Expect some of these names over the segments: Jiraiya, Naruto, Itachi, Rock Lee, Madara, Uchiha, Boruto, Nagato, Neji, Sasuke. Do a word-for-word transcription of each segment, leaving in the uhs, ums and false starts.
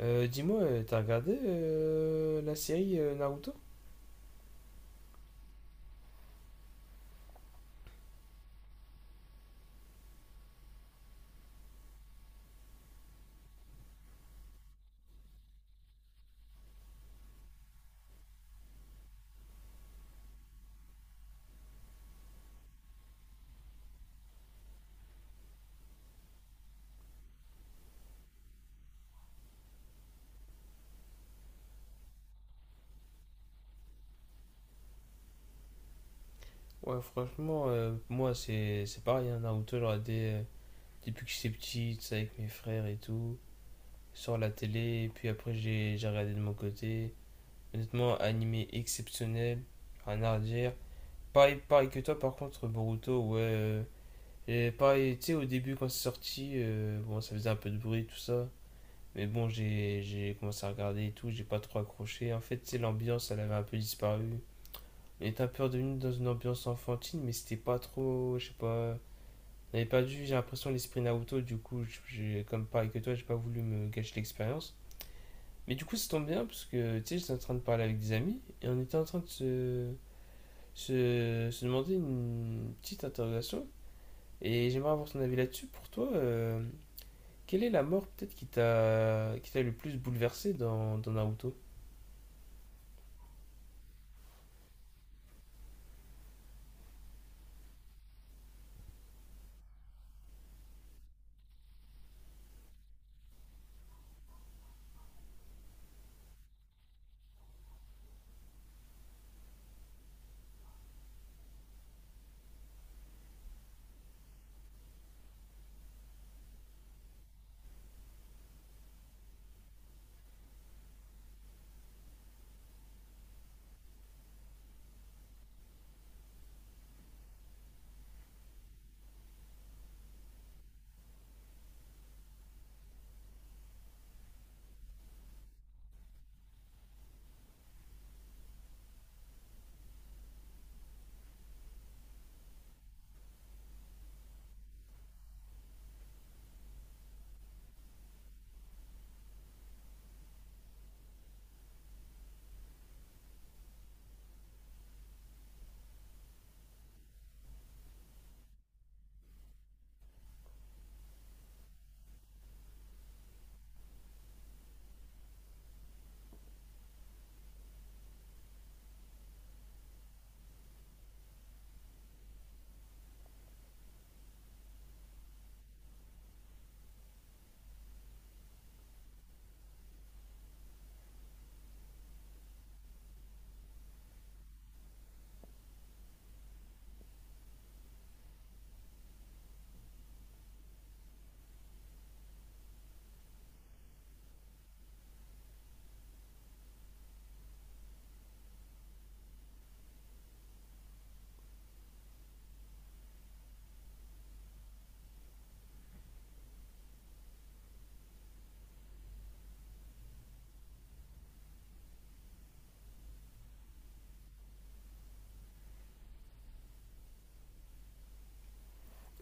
Euh, dis-moi, euh, t'as regardé euh, la série euh, Naruto? Ouais, franchement, euh, moi c'est c'est pareil, hein, Naruto, j'ai regardé euh, depuis que j'étais petit, tu sais, avec mes frères et tout, sur la télé, et puis après j'ai j'ai regardé de mon côté. Honnêtement, animé exceptionnel, rien à redire. Pareil, pareil que toi, par contre, Boruto, ouais. Euh, et pareil, tu sais, au début quand c'est sorti, euh, bon, ça faisait un peu de bruit, tout ça. Mais bon, j'ai j'ai commencé à regarder et tout, j'ai pas trop accroché. En fait, tu sais, l'ambiance, elle avait un peu disparu. Il était un peu redevenu dans une ambiance enfantine, mais c'était pas trop, je sais pas. On avait perdu, j'ai l'impression, l'esprit Naruto, du coup, j'ai, comme pareil que toi, j'ai pas voulu me gâcher l'expérience. Mais du coup, ça tombe bien, parce que, tu sais, j'étais en train de parler avec des amis, et on était en train de se, se, se demander une petite interrogation, et j'aimerais avoir ton avis là-dessus. Pour toi, euh, quelle est la mort, peut-être, qui t'a, qui t'a le plus bouleversé dans, dans Naruto?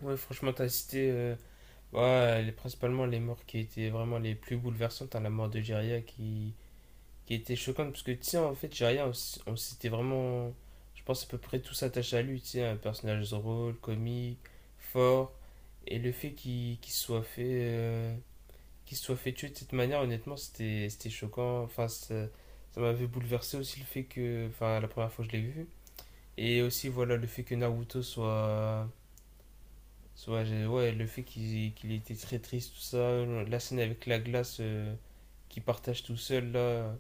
Ouais, franchement, t'as cité. euh, Ouais, les- principalement les morts qui étaient vraiment les plus bouleversantes, à la mort de Jiraiya qui, qui était choquante, parce que tu sais, en fait, Jiraiya, on, s- on s'était vraiment, je pense, à peu près tous attachés à lui, tu sais, un personnage drôle, comique, fort, et le fait qu'il qu'il soit fait, euh, qu'il soit fait tuer de cette manière, honnêtement, c'était c'était choquant, enfin, ça, ça m'avait bouleversé aussi le fait que, enfin, la première fois que je l'ai vu, et aussi, voilà, le fait que Naruto soit ouais, ouais, le fait qu'il qu'il était très triste, tout ça, la scène avec la glace euh, qu'il partage tout seul, là,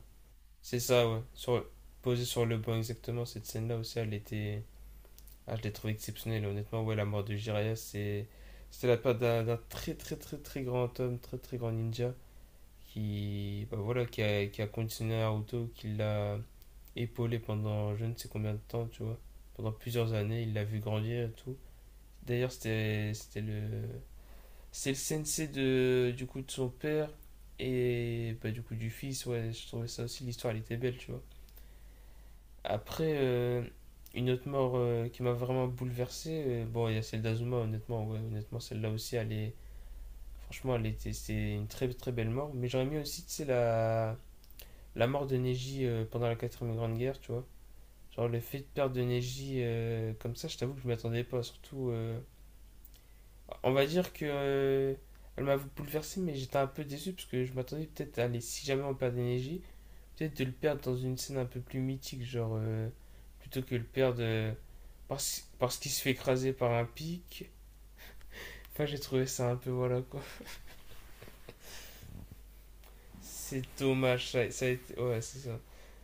c'est ça, ouais, sur, posé sur le banc, exactement, cette scène-là aussi, elle était, ah, je l'ai trouvée exceptionnelle, honnêtement, ouais, la mort de Jiraiya, c'est, c'était la part d'un d'un très, très, très, très grand homme, très, très grand ninja, qui, bah, voilà, qui a, qui a conditionné Naruto, qui l'a épaulé pendant je ne sais combien de temps, tu vois, pendant plusieurs années, il l'a vu grandir et tout, d'ailleurs, c'était, c'était le c'est le sensei de, du coup, de son père et bah, du coup du fils. Ouais, je trouvais ça aussi, l'histoire, elle était belle, tu vois. Après, euh, une autre mort euh, qui m'a vraiment bouleversé, euh, bon, il y a celle d'Azuma, honnêtement. Ouais, honnêtement, celle-là aussi, elle est... Franchement, elle était, c'est une très très belle mort. Mais j'aurais mis aussi, tu sais, la... la mort de Neji euh, pendant la quatrième grande guerre, tu vois. Genre le fait de perdre de Neji euh, comme ça, je t'avoue que je m'y attendais pas, surtout euh, on va dire que euh, elle m'a bouleversé, mais j'étais un peu déçu parce que je m'attendais peut-être à aller, si jamais on perd d'énergie, peut-être de le perdre dans une scène un peu plus mythique, genre euh, plutôt que le perdre euh, parce, parce qu'il se fait écraser par un pic. Enfin, j'ai trouvé ça un peu voilà quoi. C'est dommage, ça, ça a été. Ouais, c'est ça.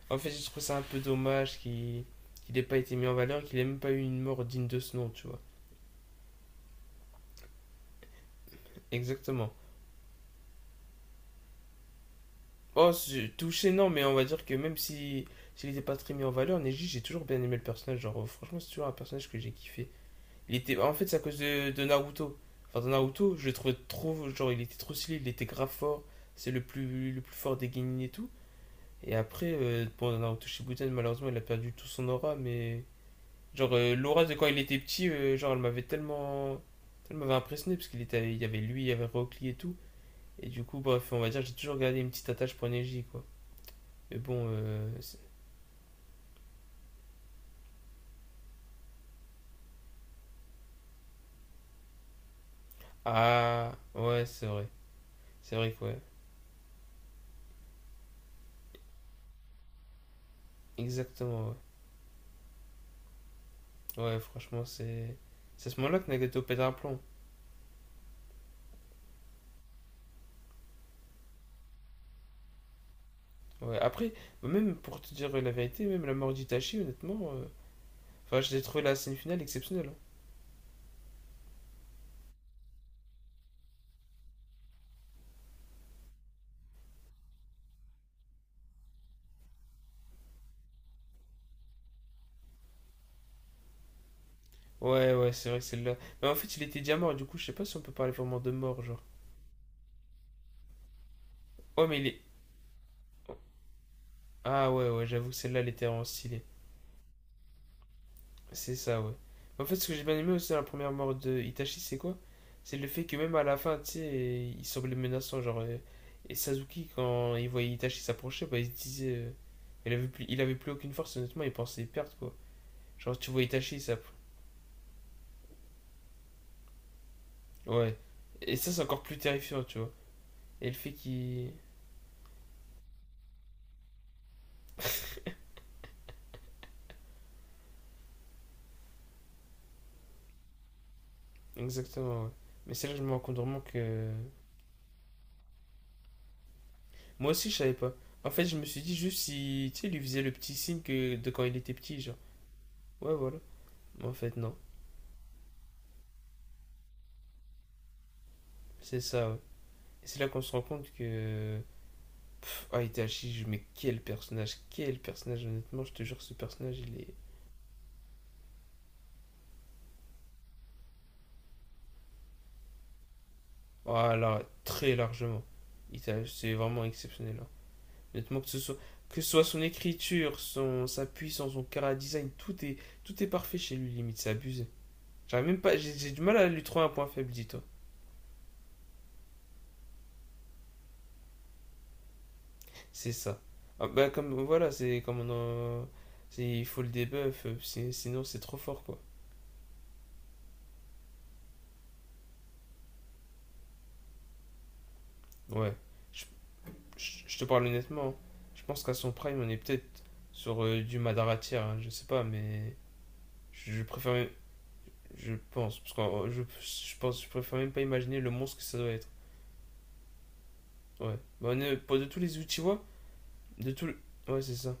En fait, j'ai trouvé ça un peu dommage qu'il qu'il ait pas été mis en valeur, qu'il ait même pas eu une mort digne de ce nom, tu vois. Exactement. Oh, c'est- touché, non, mais on va dire que même si s'il n'était pas très mis en valeur, Neji, j'ai toujours bien aimé le personnage. Genre, euh, franchement, c'est toujours un personnage que j'ai kiffé. Il était, en fait, c'est à cause de, de Naruto. Enfin, dans Naruto, je le trouvais trop, genre, il était trop stylé, il était grave fort. C'est le plus, le plus fort des Genin et tout. Et après, euh, bon, dans Naruto Shippuden, malheureusement, il a perdu tout son aura, mais genre euh, l'aura de quand il était petit, euh, genre elle m'avait tellement, elle m'avait impressionné parce qu'il était, il y avait lui, il y avait Rock Lee et tout. Et du coup, bref, on va dire, j'ai toujours gardé une petite attache pour Neji, quoi. Mais bon, euh, ah ouais, c'est vrai, c'est vrai que ouais, exactement ouais. Ouais, franchement, c'est c'est à ce moment-là que Nagato pète un plomb. Ouais. Après, bah, même pour te dire la vérité, même la mort d'Itachi, honnêtement, euh, enfin, j'ai trouvé la scène finale exceptionnelle, hein. Ouais, ouais, c'est vrai que celle-là. Mais en fait, il était déjà mort, du coup, je sais pas si on peut parler vraiment de mort, genre. Ouais, mais il est. Oh, ah ouais, ouais, j'avoue que celle-là, elle était vraiment stylée. C'est ça, ouais. En fait, ce que j'ai bien aimé aussi dans la première mort de Itachi, c'est quoi? C'est le fait que même à la fin, tu sais, il semblait menaçant. Genre, euh, et Sasuke, quand il voyait Itachi s'approcher, bah, il se disait. Euh, il avait plus, il avait plus aucune force, honnêtement, il pensait perdre, quoi. Genre, tu vois Itachi, ça. Ouais. Et ça, c'est encore plus terrifiant, tu vois. Et le fait qu'il. Exactement, ouais. Mais c'est là que je me rends compte vraiment que. Moi aussi, je savais pas. En fait, je me suis dit juste si. Tu sais, il lui faisait le petit signe que de quand il était petit, genre. Ouais, voilà. Mais en fait, non. C'est ça, ouais. C'est là qu'on se rend compte que. Ah, Itachi, mais quel personnage, quel personnage, honnêtement, je te jure, ce personnage, il est. Ah là, très largement. Itachi, c'est vraiment exceptionnel, hein. Honnêtement, que ce soit. Que ce soit son écriture, son, sa puissance, son cara design, tout est, tout est parfait chez lui, limite, c'est abusé. J'arrive même pas, j'ai j'ai du mal à lui trouver un point faible, dis-toi. C'est ça. Ah, bah, comme, voilà, c'est comme on en- c'est- Il faut le debuff, euh, c'est- sinon c'est trop fort, quoi. Ouais. Je Je je te parle honnêtement, hein. Je pense qu'à son prime, on est peut-être sur euh, du Madaratia, hein, je sais pas, mais je, je préfère. même- Je pense, parce que euh, je, je pense, je préfère même pas imaginer le monstre que ça doit être. Ouais. Bah, on est, pour de tous les Uchiwa, de tout le- ouais, c'est ça.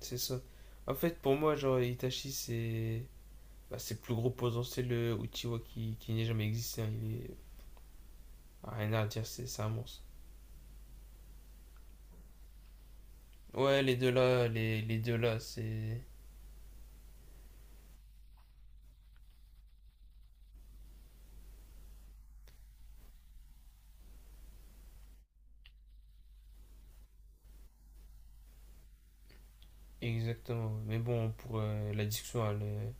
C'est ça. En fait, pour moi, genre, Itachi, c'est. Bah, c'est le plus gros potentiel le Uchiwa qui, qui n'ait jamais existé, hein. Il est. Ah, rien à dire, c'est c'est un monstre. Ouais, les deux là, les, les deux là, c'est. Exactement, ouais. Mais bon, pour euh, la discussion, elle est-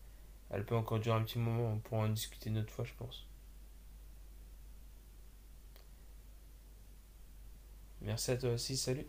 elle peut encore durer un petit moment, on pourra en discuter une autre fois, je pense. Merci à toi aussi, salut.